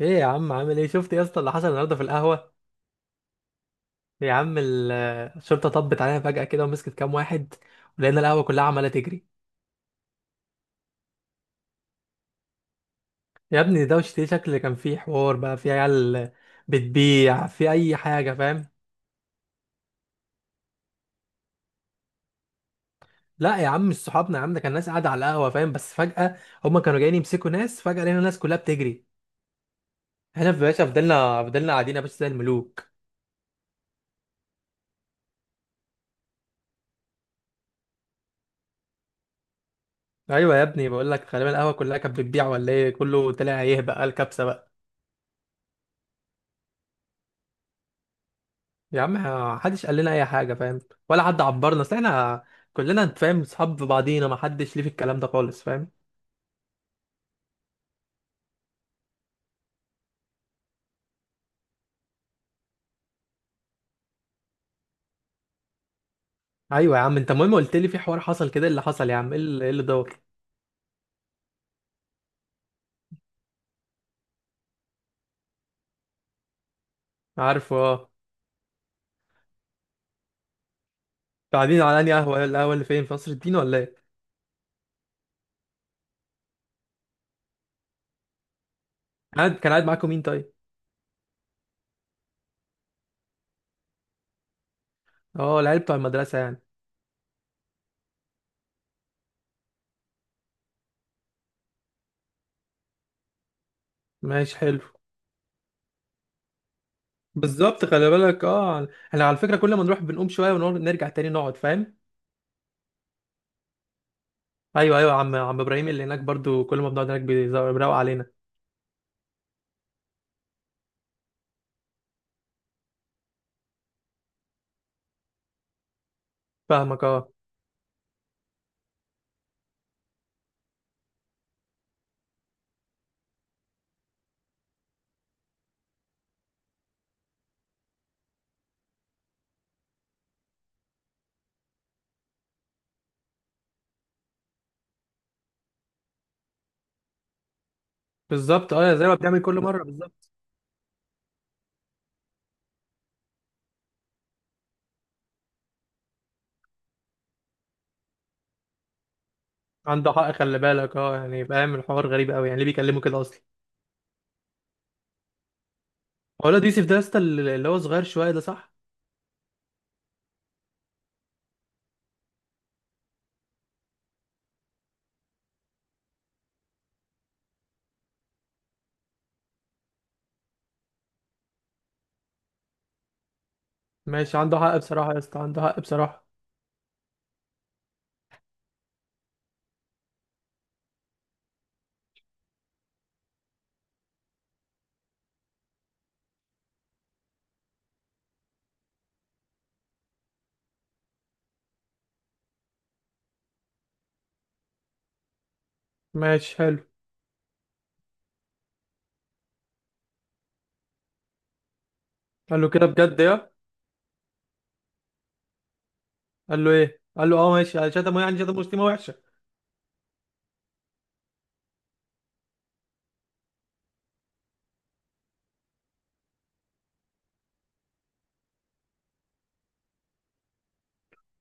ايه يا عم عامل ايه؟ شفت يا اسطى اللي حصل النهارده في القهوه؟ يا عم الشرطه طبت علينا فجاه كده ومسكت كام واحد، ولقينا القهوه كلها عماله تجري. يا ابني ده ده شكل كان فيه حوار بقى في عيال بتبيع في اي حاجه، فاهم؟ لا يا عم، مش صحابنا يا عم، ده كان ناس قاعده على القهوه فاهم، بس فجاه هما كانوا جايين يمسكوا ناس، فجاه لقينا الناس كلها بتجري. احنا في باشا فضلنا قاعدين يا باشا زي الملوك. ايوه يا ابني، بقول لك غالبا القهوه كلها كانت بتبيع ولا ايه، كله طلع يهبق، قال كبسه بقى. يا عم محدش قال لنا اي حاجه، فاهم؟ ولا حد عبرنا، اصل احنا كلنا انت فاهم صحاب في بعضينا، ما حدش ليه في الكلام ده خالص، فاهم؟ ايوه يا عم، انت المهم قلت لي في حوار حصل كده، إيه اللي حصل يا عم؟ ايه اللي دور؟ عارفه اه. انتوا قاعدين على انهي قهوه؟ إيه القهوه اللي فين، في قصر الدين ولا ايه؟ كان قاعد معاكم مين طيب؟ اه العيال بتوع المدرسه يعني. ماشي حلو. بالظبط، خلي بالك، اه احنا على فكره كل ما نروح بنقوم شويه ونرجع تاني نقعد، فاهم؟ ايوه ايوه، عم ابراهيم اللي هناك برضو كل ما بنقعد هناك بيروق علينا. فاهمك اه. بالظبط اه، زي ما بتعمل كل مره بالظبط. عنده حق، خلي بالك اه، يعني فاهم الحوار غريب قوي، يعني ليه بيكلمه كده اصلا؟ هو الواد يوسف ده يا اسطى اللي هو صغير شويه ده صح؟ ماشي، عنده حق بصراحه يا اسطى، عنده حق بصراحه. ماشي حلو. قال له كده بجد يا... قال له ايه؟ قال له اه ماشي. قال شتمه إيه؟ يعني شتمه شتيمه وحشه.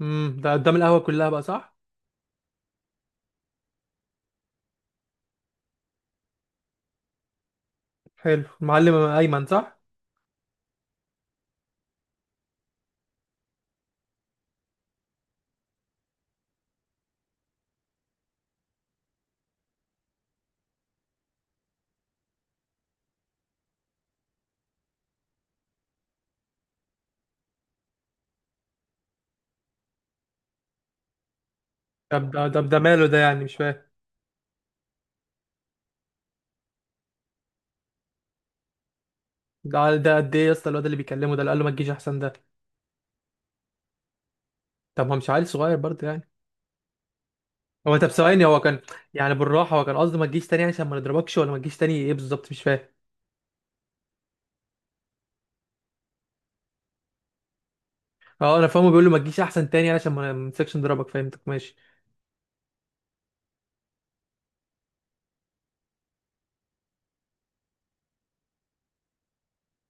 امم، ده قدام القهوه كلها بقى صح؟ حلو، المعلم ايمن صح؟ طب ده ماله ده؟ يعني مش فاهم. ده قد ايه يا اسطى الواد اللي بيكلمه ده اللي قال له ما تجيش احسن ده؟ طب ما مش عيل صغير برضه يعني؟ هو طب ثواني، هو كان يعني بالراحه، هو كان قصده ما تجيش تاني، يعني عشان ما نضربكش، ولا ما تجيش تاني ايه بالظبط؟ مش فاهم. اه انا فاهمه، بيقول له ما تجيش احسن تاني علشان ما نمسكش نضربك، فهمتك ماشي.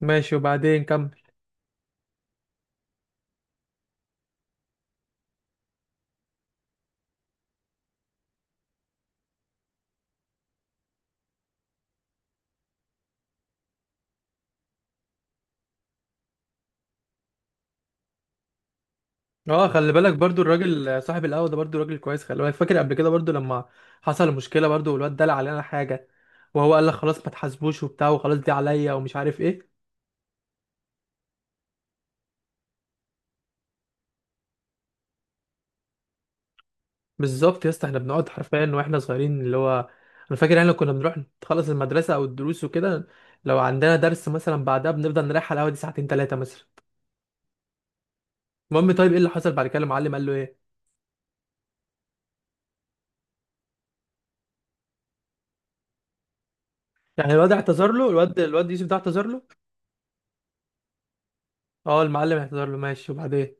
ماشي وبعدين كمل. اه خلي بالك، برضو الراجل صاحب القهوه ده برضو راجل كويس، خلي بالك فاكر قبل كده برضو لما حصل مشكله، برضو والواد دلع علينا حاجه وهو قال لك خلاص ما تحاسبوش وبتاع، وخلاص دي عليا، ومش عارف ايه. بالظبط يا اسطى، احنا بنقعد حرفيا واحنا صغيرين، اللي هو انا فاكر احنا كنا بنروح نخلص المدرسه او الدروس وكده، لو عندنا درس مثلا بعدها بنفضل نريح على القهوه دي ساعتين ثلاثه مثلا. المهم، طيب ايه اللي حصل بعد كده؟ المعلم قال له ايه؟ يعني الواد اعتذر له؟ الواد يوسف ده اعتذر له؟ اه، المعلم اعتذر له ماشي. وبعدين؟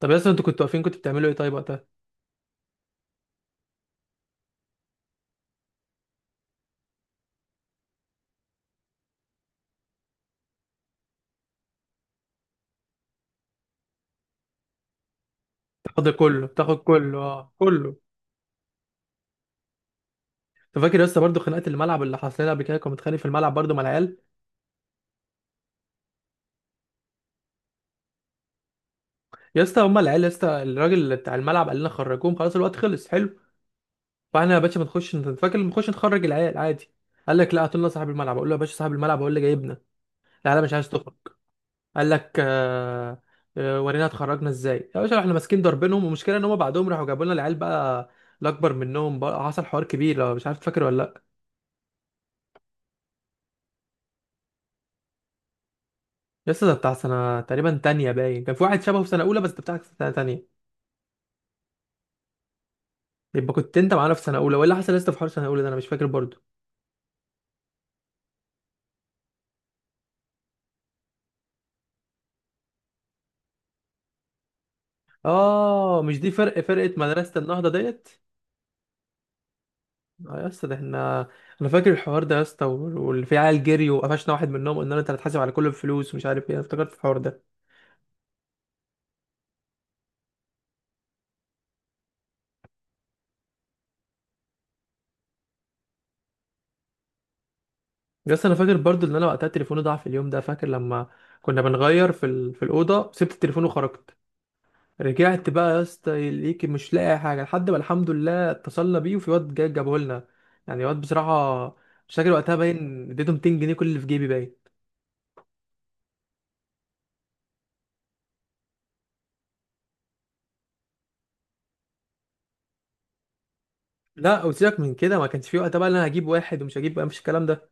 طب يا اسطى، انتوا كنتوا واقفين كنتوا بتعملوا ايه طيب وقتها؟ تاخد كله، تاخد كله، اه كله. انت فاكر يا اسطى برضه خناقه الملعب اللي حصلت لنا قبل كده؟ كنا متخانق في الملعب برضه مع العيال. يا اسطى، هما العيال يا اسطى، الراجل اللي بتاع الملعب قال لنا خرجوهم خلاص الوقت خلص حلو. فاحنا يا باشا بنخش، انت فاكر بنخش نخرج العيال عادي، قال لك لا هات لنا صاحب الملعب. اقول له يا باشا صاحب الملعب هو اللي جايبنا، العيال مش عايز تخرج. قال لك ورينا اتخرجنا ازاي يا باشا. احنا ماسكين ضاربينهم، والمشكله ان هم بعدهم راحوا جابوا لنا العيال بقى، الاكبر منهم بقى حصل حوار كبير، لو مش عارف فاكر ولا؟ لسه ده بتاع سنة تقريبا تانية باين، كان في واحد شبهه في سنة أولى، بس ده بتاعك في سنة تانية. يبقى كنت أنت معانا في سنة أولى، ولا حصل لسه في حوار سنة أولى ده أنا مش فاكر برضو. آه مش دي فرقة مدرسة النهضة ديت؟ آه يا اسطى، ده احنا أنا فاكر الحوار ده يا اسطى، واللي فيه عيال جري وقفشنا واحد منهم، قلنا له أنت هتتحاسب على كل الفلوس ومش عارف إيه، أنا افتكرت الحوار ده. يا اسطى، أنا فاكر برضو إن أنا وقتها تليفوني ضاع في اليوم ده، فاكر لما كنا بنغير في في الأوضة، سبت التليفون وخرجت، رجعت بقى يا اسطى ليك مش لاقي حاجه، لحد ما الحمد لله اتصلنا بيه وفي واد جا جابه لنا، يعني واد بصراحه. مش فاكر وقتها باين، اديته 200 جنيه كل اللي في جيبي باين. لا، وسيبك من كده، ما كانش في وقتها بقى إن انا هجيب واحد ومش هجيب بقى، مفيش الكلام ده.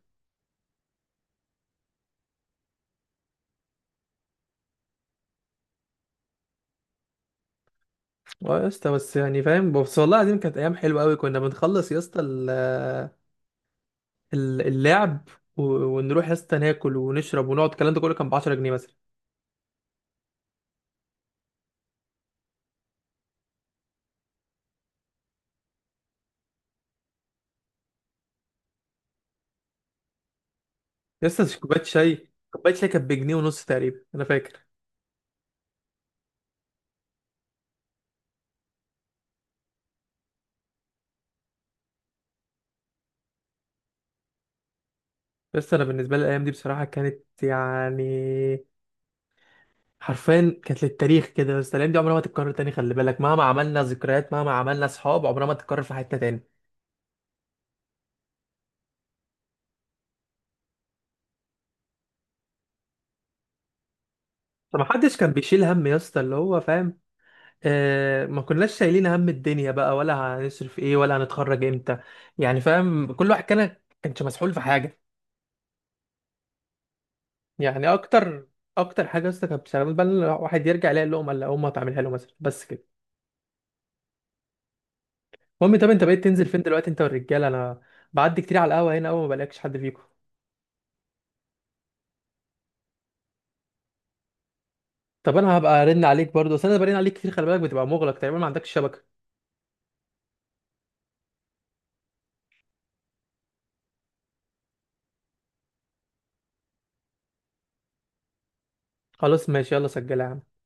اه يا اسطى، بس يعني فاهم، بس والله العظيم كانت ايام حلوه قوي، كنا بنخلص يا اسطى اللعب و- ونروح يا اسطى ناكل ونشرب ونقعد، الكلام ده كله كان ب 10 جنيه مثلا. يا اسطى كوبايه شاي كانت بجنيه ونص تقريبا انا فاكر. بس انا بالنسبه لي الايام دي بصراحه كانت يعني حرفيا كانت للتاريخ كده، بس الايام دي عمرها ما تتكرر تاني، خلي بالك مهما عملنا ذكريات مهما عملنا اصحاب عمرها ما تتكرر في حياتنا تاني. طب ما حدش كان بيشيل هم يا اسطى، اللي هو فاهم آه، ما كناش شايلين هم الدنيا بقى، ولا هنصرف ايه، ولا هنتخرج امتى، يعني فاهم، كل واحد كان كانش مسحول في حاجه. يعني اكتر حاجه يا اسطى كانت بتشغل بال الواحد يرجع يلاقي اللقمه اللي امه هتعملها له مثلا، بس كده. المهم، طب انت بقيت تنزل فين دلوقتي انت والرجاله؟ انا بعدي كتير على القهوه هنا، اول ما بلاقيكش حد فيكم. طب انا هبقى ارن عليك برضه، بس انا برن عليك كتير خلي بالك بتبقى مغلق تقريبا ما عندكش شبكه. خلاص ماشي، يلا سجلها.